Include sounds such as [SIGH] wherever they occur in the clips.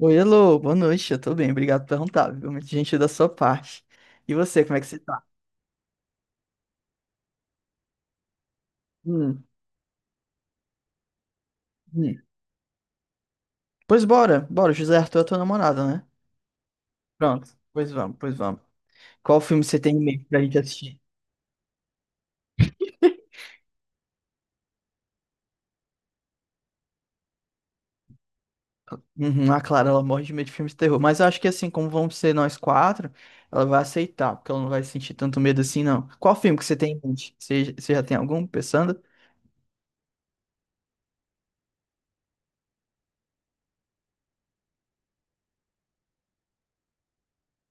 Oi, alô, boa noite, eu tô bem, obrigado por perguntar, viu? Muito gentil da sua parte. E você, como é que você tá? Hum, hum. Pois bora, bora, José Arthur é tua namorada, né? Pronto, pois vamos, pois vamos. Qual filme você tem em mente pra gente assistir? Uhum, a Clara, ela morre de medo de filmes de terror, mas eu acho que assim, como vamos ser nós 4, ela vai aceitar, porque ela não vai sentir tanto medo assim, não. Qual filme que você tem em mente? Você já tem algum pensando?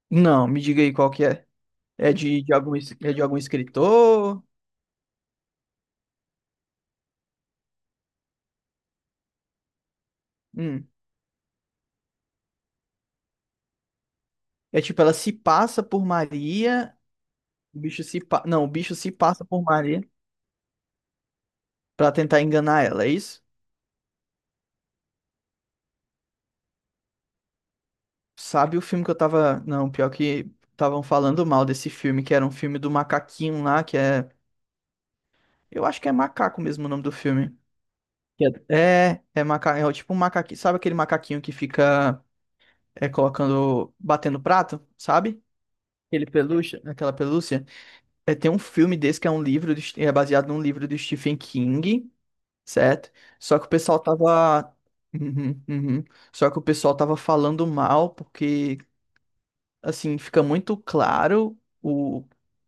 Não, me diga aí qual que é. É de algum, é de algum escritor? Hum. É tipo, ela se passa por Maria. O bicho se pa... Não, o bicho se passa por Maria pra tentar enganar ela, é isso? Sabe o filme que eu tava. Não, pior que estavam falando mal desse filme, que era um filme do macaquinho lá, que é. Eu acho que é macaco mesmo o nome do filme. Que é, é, é maca... é o tipo um macaquinho. Sabe aquele macaquinho que fica colocando, batendo prato, sabe? Aquele pelúcia, aquela pelúcia. É, tem um filme desse que é um livro, do... é baseado num livro do Stephen King, certo? Só que o pessoal tava. Uhum, uhum. Só que o pessoal tava falando mal, porque, assim, fica muito claro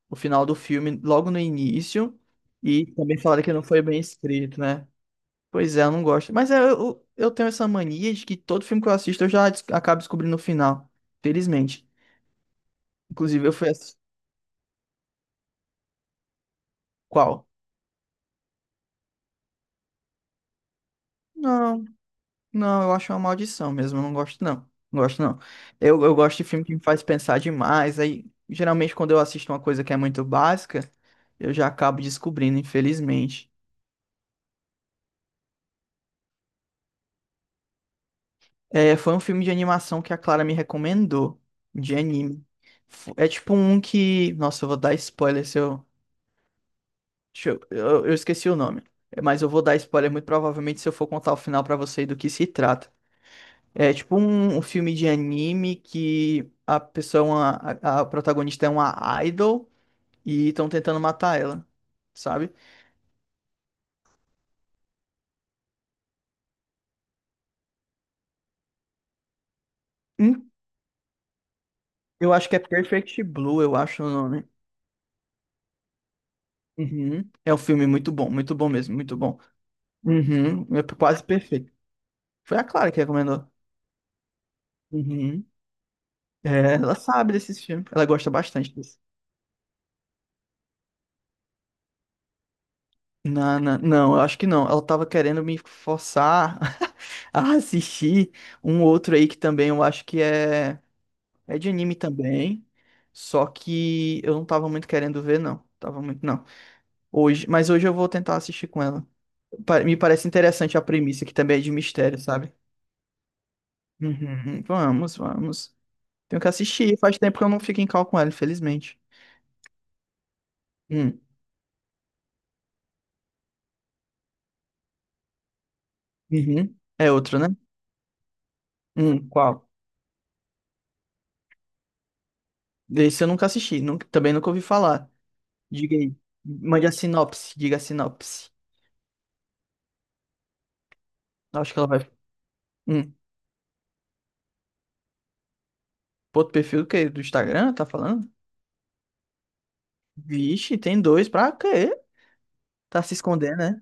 o final do filme logo no início, e também falaram que não foi bem escrito, né? Pois é, eu não gosto. Mas é, eu tenho essa mania de que todo filme que eu assisto eu já acabo descobrindo o final, felizmente. Inclusive, eu fui assistir. Qual? Não. Não, eu acho uma maldição mesmo, eu não gosto não. Não gosto não. Eu gosto de filme que me faz pensar demais, aí geralmente quando eu assisto uma coisa que é muito básica, eu já acabo descobrindo, infelizmente. É, foi um filme de animação que a Clara me recomendou, de anime. É tipo um que, nossa, eu vou dar spoiler se eu, deixa eu, esqueci o nome, mas eu vou dar spoiler muito provavelmente se eu for contar o final pra você do que se trata. É tipo um filme de anime que a pessoa, a protagonista é uma idol e estão tentando matar ela, sabe? Hum, Eu acho que é Perfect Blue, eu acho o nome. Uhum. É um filme muito bom mesmo, muito bom. Uhum. É quase perfeito. Foi a Clara que recomendou. Uhum. É, ela sabe desses filmes, ela gosta bastante disso. Não, não, não, eu acho que não. Ela tava querendo me forçar [LAUGHS] a assistir um outro aí que também eu acho que é. É de anime também, só que eu não tava muito querendo ver, não. Tava muito, não. Hoje, mas hoje eu vou tentar assistir com ela. Me parece interessante a premissa, que também é de mistério, sabe? Uhum, vamos, vamos. Tenho que assistir. Faz tempo que eu não fico em call com ela, infelizmente. Hum, uhum. É outro, né? Qual? Esse eu nunca assisti, também nunca ouvi falar. Diga aí. Mande a sinopse, diga a sinopse. Acho que ela vai. Hum. Outro perfil do quê? Do Instagram, tá falando? Vixe, tem dois pra quê? Tá se escondendo, né?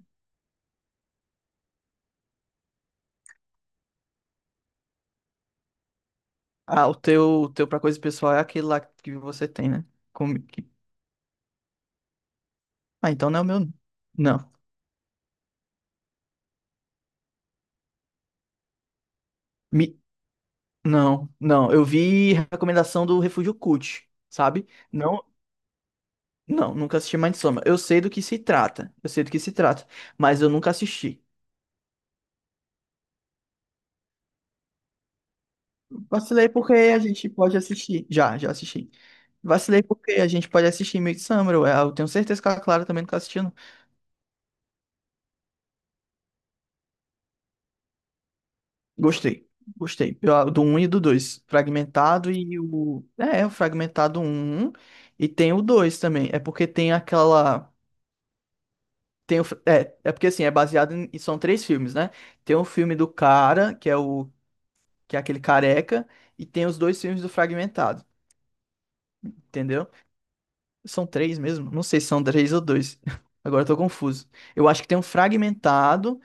Ah, o teu pra coisa pessoal é aquele lá que você tem, né? Como que... Ah, então não é o meu. Não. Mi- Não, não. Eu vi recomendação do Refúgio Cult, sabe? Não, não, nunca assisti Soma. Eu sei do que se trata. Eu sei do que se trata, mas eu nunca assisti. Vacilei porque a gente pode assistir. Já, já assisti. Vacilei porque a gente pode assistir Midsommar. Eu tenho certeza que a Clara também nunca assistiu. Gostei, gostei. Eu... do um e do 2 Fragmentado e o. É, é, o Fragmentado um e tem o 2 também. É porque tem aquela. Tem o... é, é porque assim, é baseado em... e são três filmes, né? Tem o filme do cara, que é o... que é aquele careca, e tem os dois filmes do Fragmentado, entendeu? São três mesmo? Não sei se são três ou dois. [LAUGHS] Agora eu tô confuso. Eu acho que tem um Fragmentado.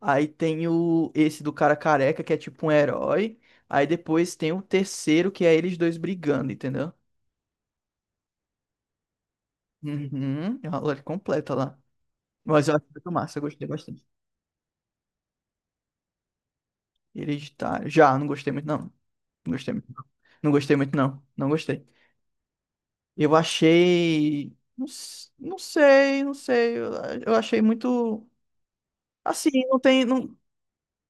Aí tem o esse do cara careca, que é tipo um herói. Aí depois tem o terceiro, que é eles dois brigando, entendeu? Uhum, é uma lore completa lá. Mas eu acho muito massa, eu gostei bastante. Hereditário. Já, não gostei muito, não. Não gostei muito, não. Não gostei muito, não. Não gostei. Eu achei. Não, não sei, não sei. Eu achei muito. Assim, não tem. Não...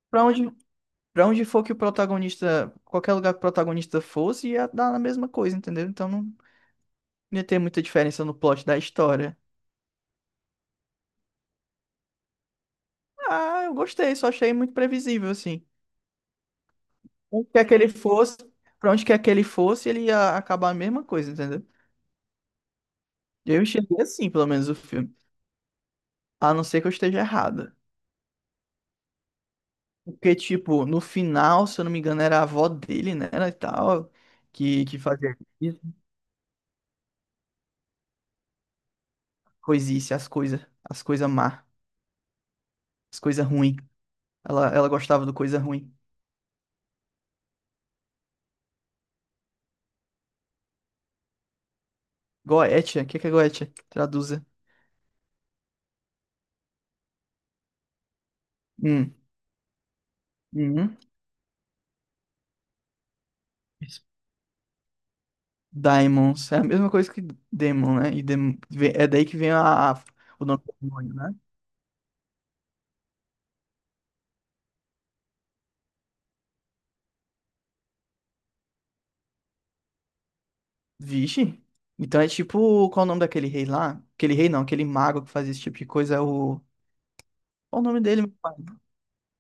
Pra onde, pra onde for que o protagonista. Qualquer lugar que o protagonista fosse, ia dar a mesma coisa, entendeu? Então não. Não ia ter muita diferença no plot da história. Ah, eu gostei, só achei muito previsível, assim. Onde quer que ele fosse, pra onde quer que ele fosse, ele ia acabar a mesma coisa, entendeu? Eu enxerguei assim, pelo menos, o filme. A não ser que eu esteja errada. Porque, tipo, no final, se eu não me engano, era a avó dele, né? E tal, que fazia isso, coisice, as coisas má, as coisas ruins. Ela gostava do coisa ruim. Goetia, o que que é Goetia? Traduza. Hum. Uhum. Daimons. É a mesma coisa que Demon, né? E é daí que vem o nome do demônio, né? Vixe. Então é tipo. Qual o nome daquele rei lá? Aquele rei não, aquele mago que fazia esse tipo de coisa é o. Qual o nome dele, meu pai?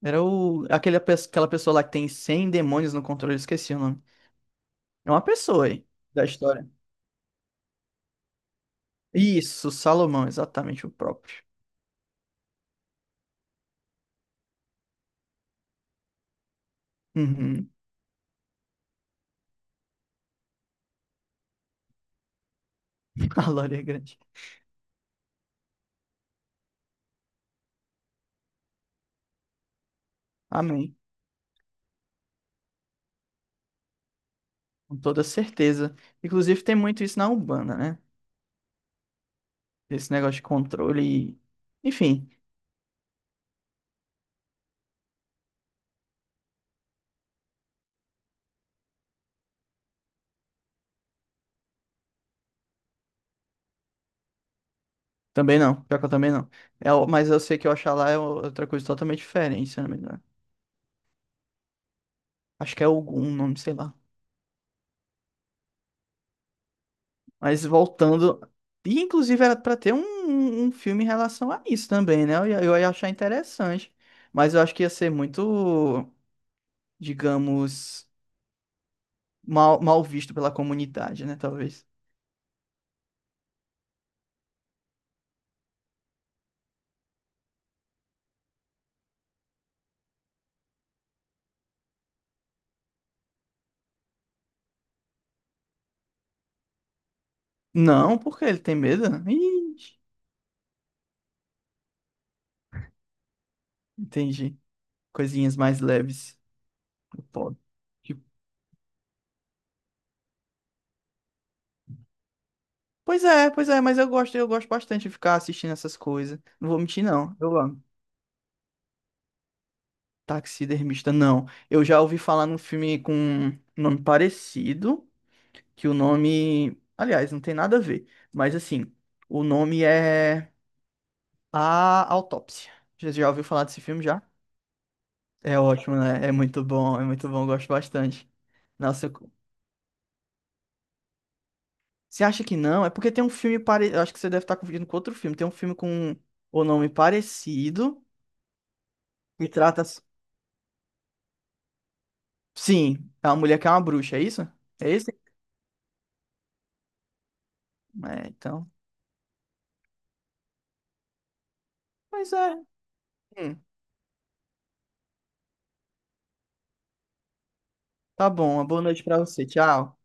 Era o. Aquele, aquela pessoa lá que tem 100 demônios no controle, eu esqueci o nome. É uma pessoa aí, da história. Isso, Salomão, exatamente o próprio. Uhum. [LAUGHS] A glória é grande. Amém. Com toda certeza. Inclusive tem muito isso na Umbanda, né? Esse negócio de controle e. Enfim. Também não, pior que eu também não. É, mas eu sei que o Oxalá é outra coisa totalmente diferente, se eu não me engano. Acho que é algum nome, sei lá. Mas voltando. E inclusive era pra ter um filme em relação a isso também, né? Eu ia achar interessante. Mas eu acho que ia ser muito, digamos, mal visto pela comunidade, né? Talvez. Não, porque ele tem medo? Né? Ixi, entendi. Coisinhas mais leves. Pô. Pois é, mas eu gosto bastante de ficar assistindo essas coisas. Não vou mentir, não. Eu amo. Taxidermista, não. Eu já ouvi falar num filme com um nome parecido, que o nome. Aliás, não tem nada a ver. Mas assim, o nome é A Autópsia. Já já ouviu falar desse filme já? É ótimo, né? É muito bom, eu gosto bastante. Nossa, eu... você acha que não? É porque tem um filme parecido. Acho que você deve estar confundindo com outro filme. Tem um filme com o nome parecido. E trata. Sim, é uma mulher que é uma bruxa, é isso? É isso? É, então. Pois é. Hum, tá bom, uma boa noite pra você. Tchau.